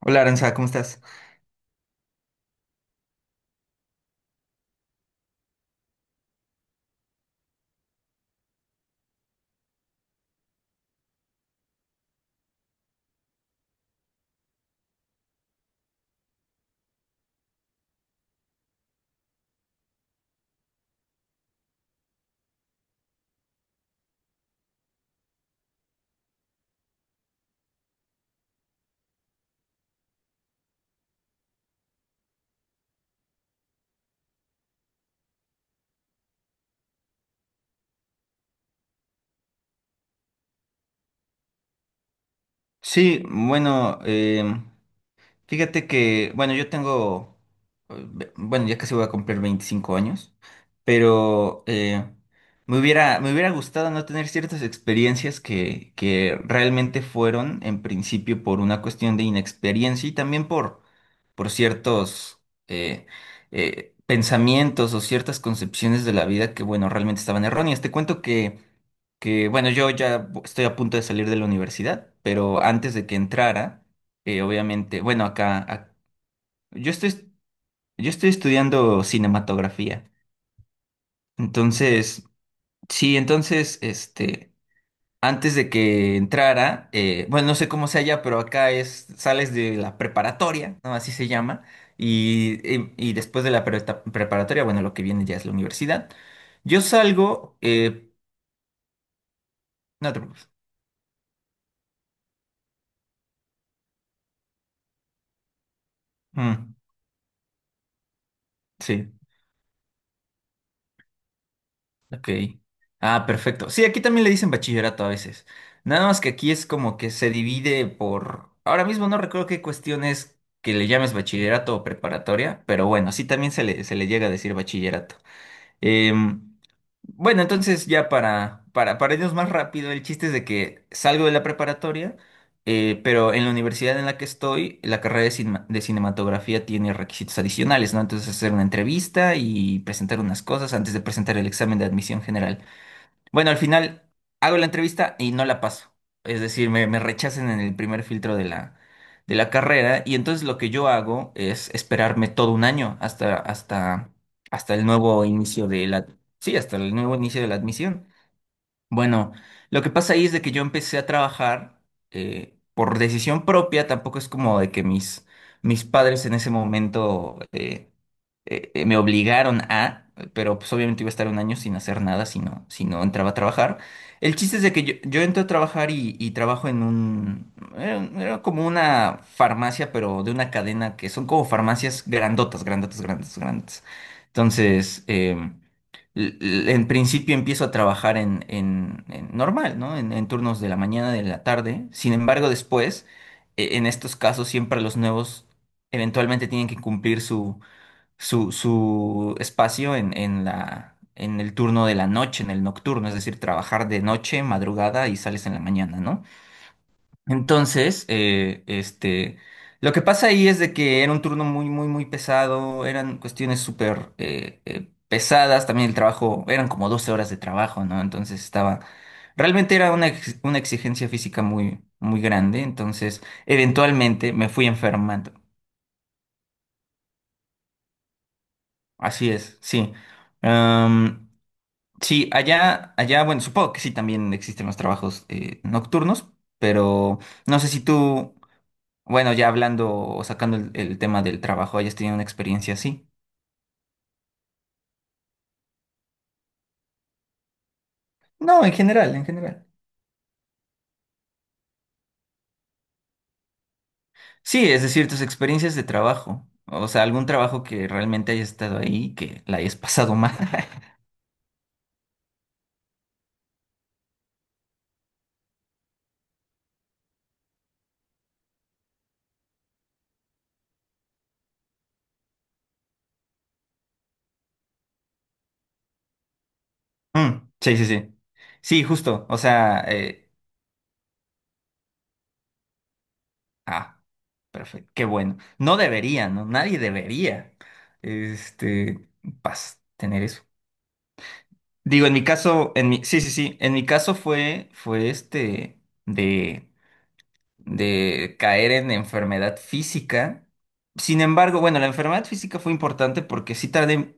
Hola Aranza, ¿cómo estás? Sí, bueno, fíjate que, bueno, bueno, ya casi voy a cumplir 25 años, pero eh, me hubiera gustado no tener ciertas experiencias que realmente fueron, en principio, por una cuestión de inexperiencia y también por ciertos eh, pensamientos o ciertas concepciones de la vida que, bueno, realmente estaban erróneas. Te cuento que bueno, yo ya estoy a punto de salir de la universidad, pero antes de que entrara, obviamente, yo estoy, yo estoy estudiando cinematografía. Entonces, sí, entonces, este, antes de que entrara, bueno, no sé cómo sea allá, pero acá es, sales de la preparatoria, ¿no? Así se llama. Y después de la preparatoria, bueno, lo que viene ya es la universidad. Yo salgo, no te preocupes. Mm, sí. Ok. Ah, perfecto. Sí, aquí también le dicen bachillerato a veces. Nada más que aquí es como que se divide por... Ahora mismo no recuerdo qué cuestiones que le llames bachillerato o preparatoria, pero bueno, sí también se le llega a decir bachillerato. Em, bueno, entonces ya para irnos más rápido, el chiste es de que salgo de la preparatoria, pero en la universidad en la que estoy, la carrera de, de cinematografía tiene requisitos adicionales, ¿no? Entonces hacer una entrevista y presentar unas cosas antes de presentar el examen de admisión general. Bueno, al final hago la entrevista y no la paso. Es decir, me rechazan en el primer filtro de la carrera y entonces lo que yo hago es esperarme todo un año hasta el nuevo inicio de la, sí, hasta el nuevo inicio de la admisión. Bueno, lo que pasa ahí es de que yo empecé a trabajar por decisión propia, tampoco es como de que mis padres en ese momento me obligaron a, pero pues obviamente iba a estar un año sin hacer nada si no entraba a trabajar. El chiste es de que yo entré a trabajar y trabajo en era como una farmacia, pero de una cadena que son como farmacias grandotas, grandotas, grandotas, grandotas. Entonces, en principio empiezo a trabajar en normal, ¿no? En turnos de la mañana, de la tarde. Sin embargo, después, en estos casos, siempre los nuevos eventualmente tienen que cumplir su espacio en el turno de la noche, en el nocturno, es decir, trabajar de noche, madrugada y sales en la mañana, ¿no? Entonces, lo que pasa ahí es de que era un turno muy, muy, muy pesado, eran cuestiones súper pesadas, también el trabajo, eran como 12 horas de trabajo, ¿no? Entonces estaba, realmente era una exigencia física muy, muy grande, entonces eventualmente me fui enfermando, así es, sí. Am, sí, allá, bueno, supongo que sí también existen los trabajos nocturnos, pero no sé si tú... Bueno, ya hablando o sacando el tema del trabajo, ¿hayas tenido una experiencia así? No, en general, en general. Sí, es decir, tus experiencias de trabajo. O sea, algún trabajo que realmente hayas estado ahí y que la hayas pasado mal. Mm, sí, sí, sí. Sí, justo. O sea, ah, perfecto. Qué bueno. No debería, ¿no? Nadie debería, este, pas, tener eso. Digo, en mi caso, en mi, sí, sí, sí. En mi caso fue, fue este, de caer en enfermedad física. Sin embargo, bueno, la enfermedad física fue importante porque sí tardé,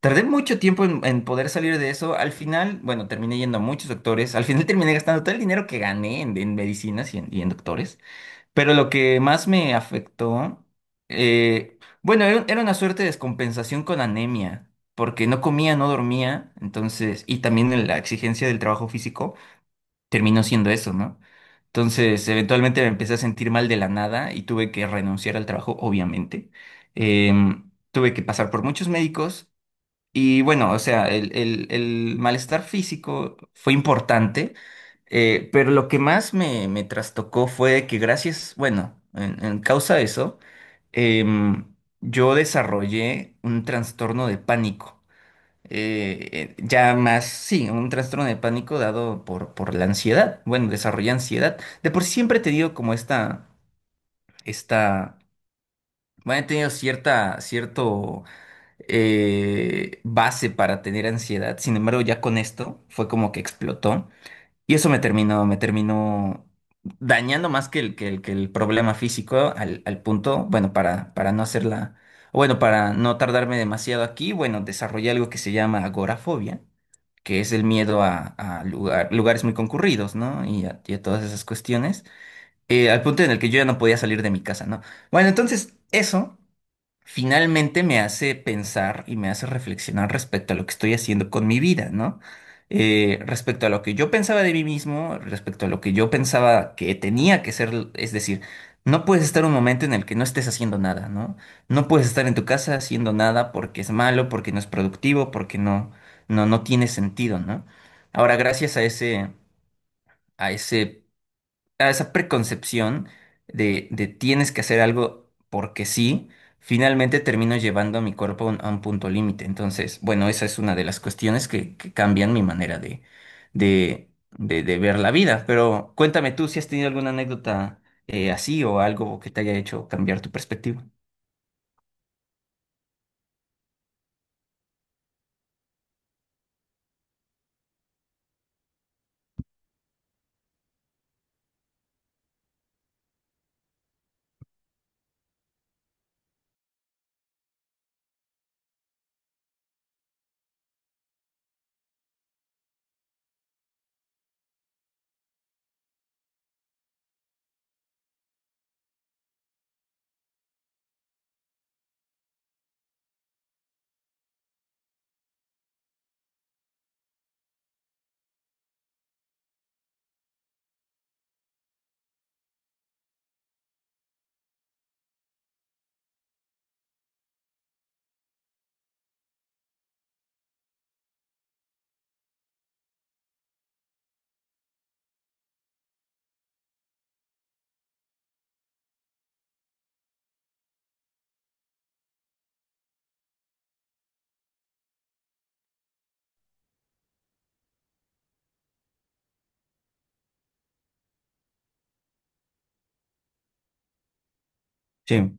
tardé mucho tiempo en poder salir de eso. Al final, bueno, terminé yendo a muchos doctores. Al final terminé gastando todo el dinero que gané en medicinas y y en doctores. Pero lo que más me afectó, bueno, era una suerte de descompensación con anemia. Porque no comía, no dormía, entonces, y también la exigencia del trabajo físico terminó siendo eso, ¿no? Entonces, eventualmente me empecé a sentir mal de la nada y tuve que renunciar al trabajo, obviamente. Tuve que pasar por muchos médicos y bueno, o sea, el malestar físico fue importante, pero lo que más me trastocó fue que gracias, bueno, en causa de eso, em, yo desarrollé un trastorno de pánico ya más, sí, un trastorno de pánico dado por la ansiedad. Bueno, desarrolla ansiedad. De por sí siempre he tenido como esta, bueno, he tenido cierta, cierto base para tener ansiedad. Sin embargo, ya con esto fue como que explotó. Y eso me terminó dañando más que el problema físico al punto, bueno, para no hacerla, bueno, para no tardarme demasiado aquí, bueno, desarrollé algo que se llama agorafobia que es el miedo a lugares muy concurridos, ¿no? Y y a todas esas cuestiones, al punto en el que yo ya no podía salir de mi casa, ¿no? Bueno, entonces, eso finalmente me hace pensar y me hace reflexionar respecto a lo que estoy haciendo con mi vida, ¿no? Respecto a lo que yo pensaba de mí mismo, respecto a lo que yo pensaba que tenía que ser, es decir, no puedes estar un momento en el que no estés haciendo nada, ¿no? No puedes estar en tu casa haciendo nada porque es malo, porque no es productivo, porque no, no, no tiene sentido, ¿no? Ahora, gracias a ese a esa preconcepción de tienes que hacer algo porque sí, finalmente termino llevando a mi cuerpo a un punto límite. Entonces, bueno, esa es una de las cuestiones que cambian mi manera de ver la vida. Pero cuéntame tú si has tenido alguna anécdota así o algo que te haya hecho cambiar tu perspectiva. Sí,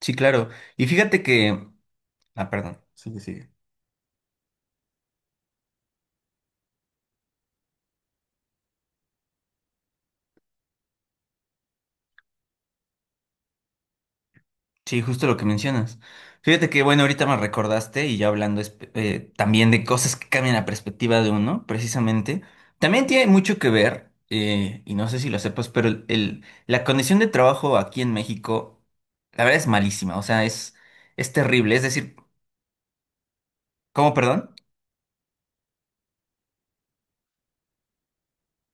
sí, claro. Y fíjate que... Ah, perdón. Sí, sí. Sí, justo lo que mencionas. Fíjate que, bueno, ahorita me recordaste y ya hablando también de cosas que cambian la perspectiva de uno, precisamente, también tiene mucho que ver, y no sé si lo sepas, pero la condición de trabajo aquí en México, la verdad es malísima, o sea, es terrible. Es decir, ¿cómo, perdón?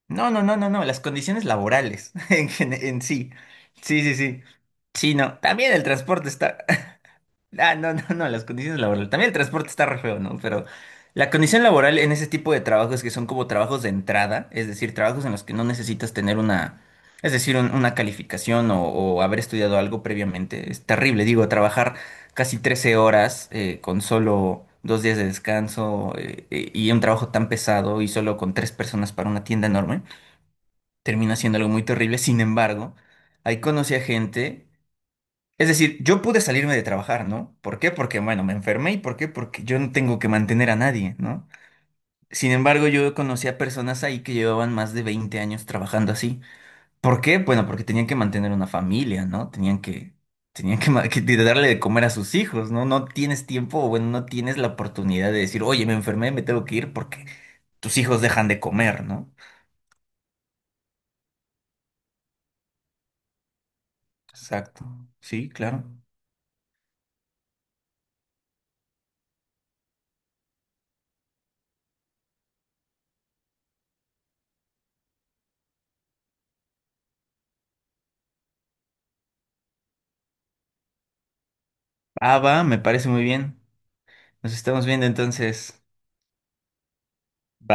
No, no, no, no, no, las condiciones laborales en sí. Sí, sí, sí. Sí, no, también el transporte está... Ah, no, no, no, las condiciones laborales. También el transporte está re feo, ¿no? Pero la condición laboral en ese tipo de trabajos que son como trabajos de entrada, es decir, trabajos en los que no necesitas tener una, es decir, una calificación o haber estudiado algo previamente, es terrible. Digo, trabajar casi 13 horas con solo dos días de descanso y un trabajo tan pesado y solo con tres personas para una tienda enorme, termina siendo algo muy terrible. Sin embargo, ahí conocí a gente. Es decir, yo pude salirme de trabajar, ¿no? ¿Por qué? Porque, bueno, me enfermé y ¿por qué? Porque yo no tengo que mantener a nadie, ¿no? Sin embargo, yo conocí a personas ahí que llevaban más de 20 años trabajando así. ¿Por qué? Bueno, porque tenían que mantener una familia, ¿no? Tenían que, darle de comer a sus hijos, ¿no? No tienes tiempo o, bueno, no tienes la oportunidad de decir, oye, me enfermé, me tengo que ir porque tus hijos dejan de comer, ¿no? Exacto. Sí, claro. Ah, va, me parece muy bien. Nos estamos viendo entonces. Va.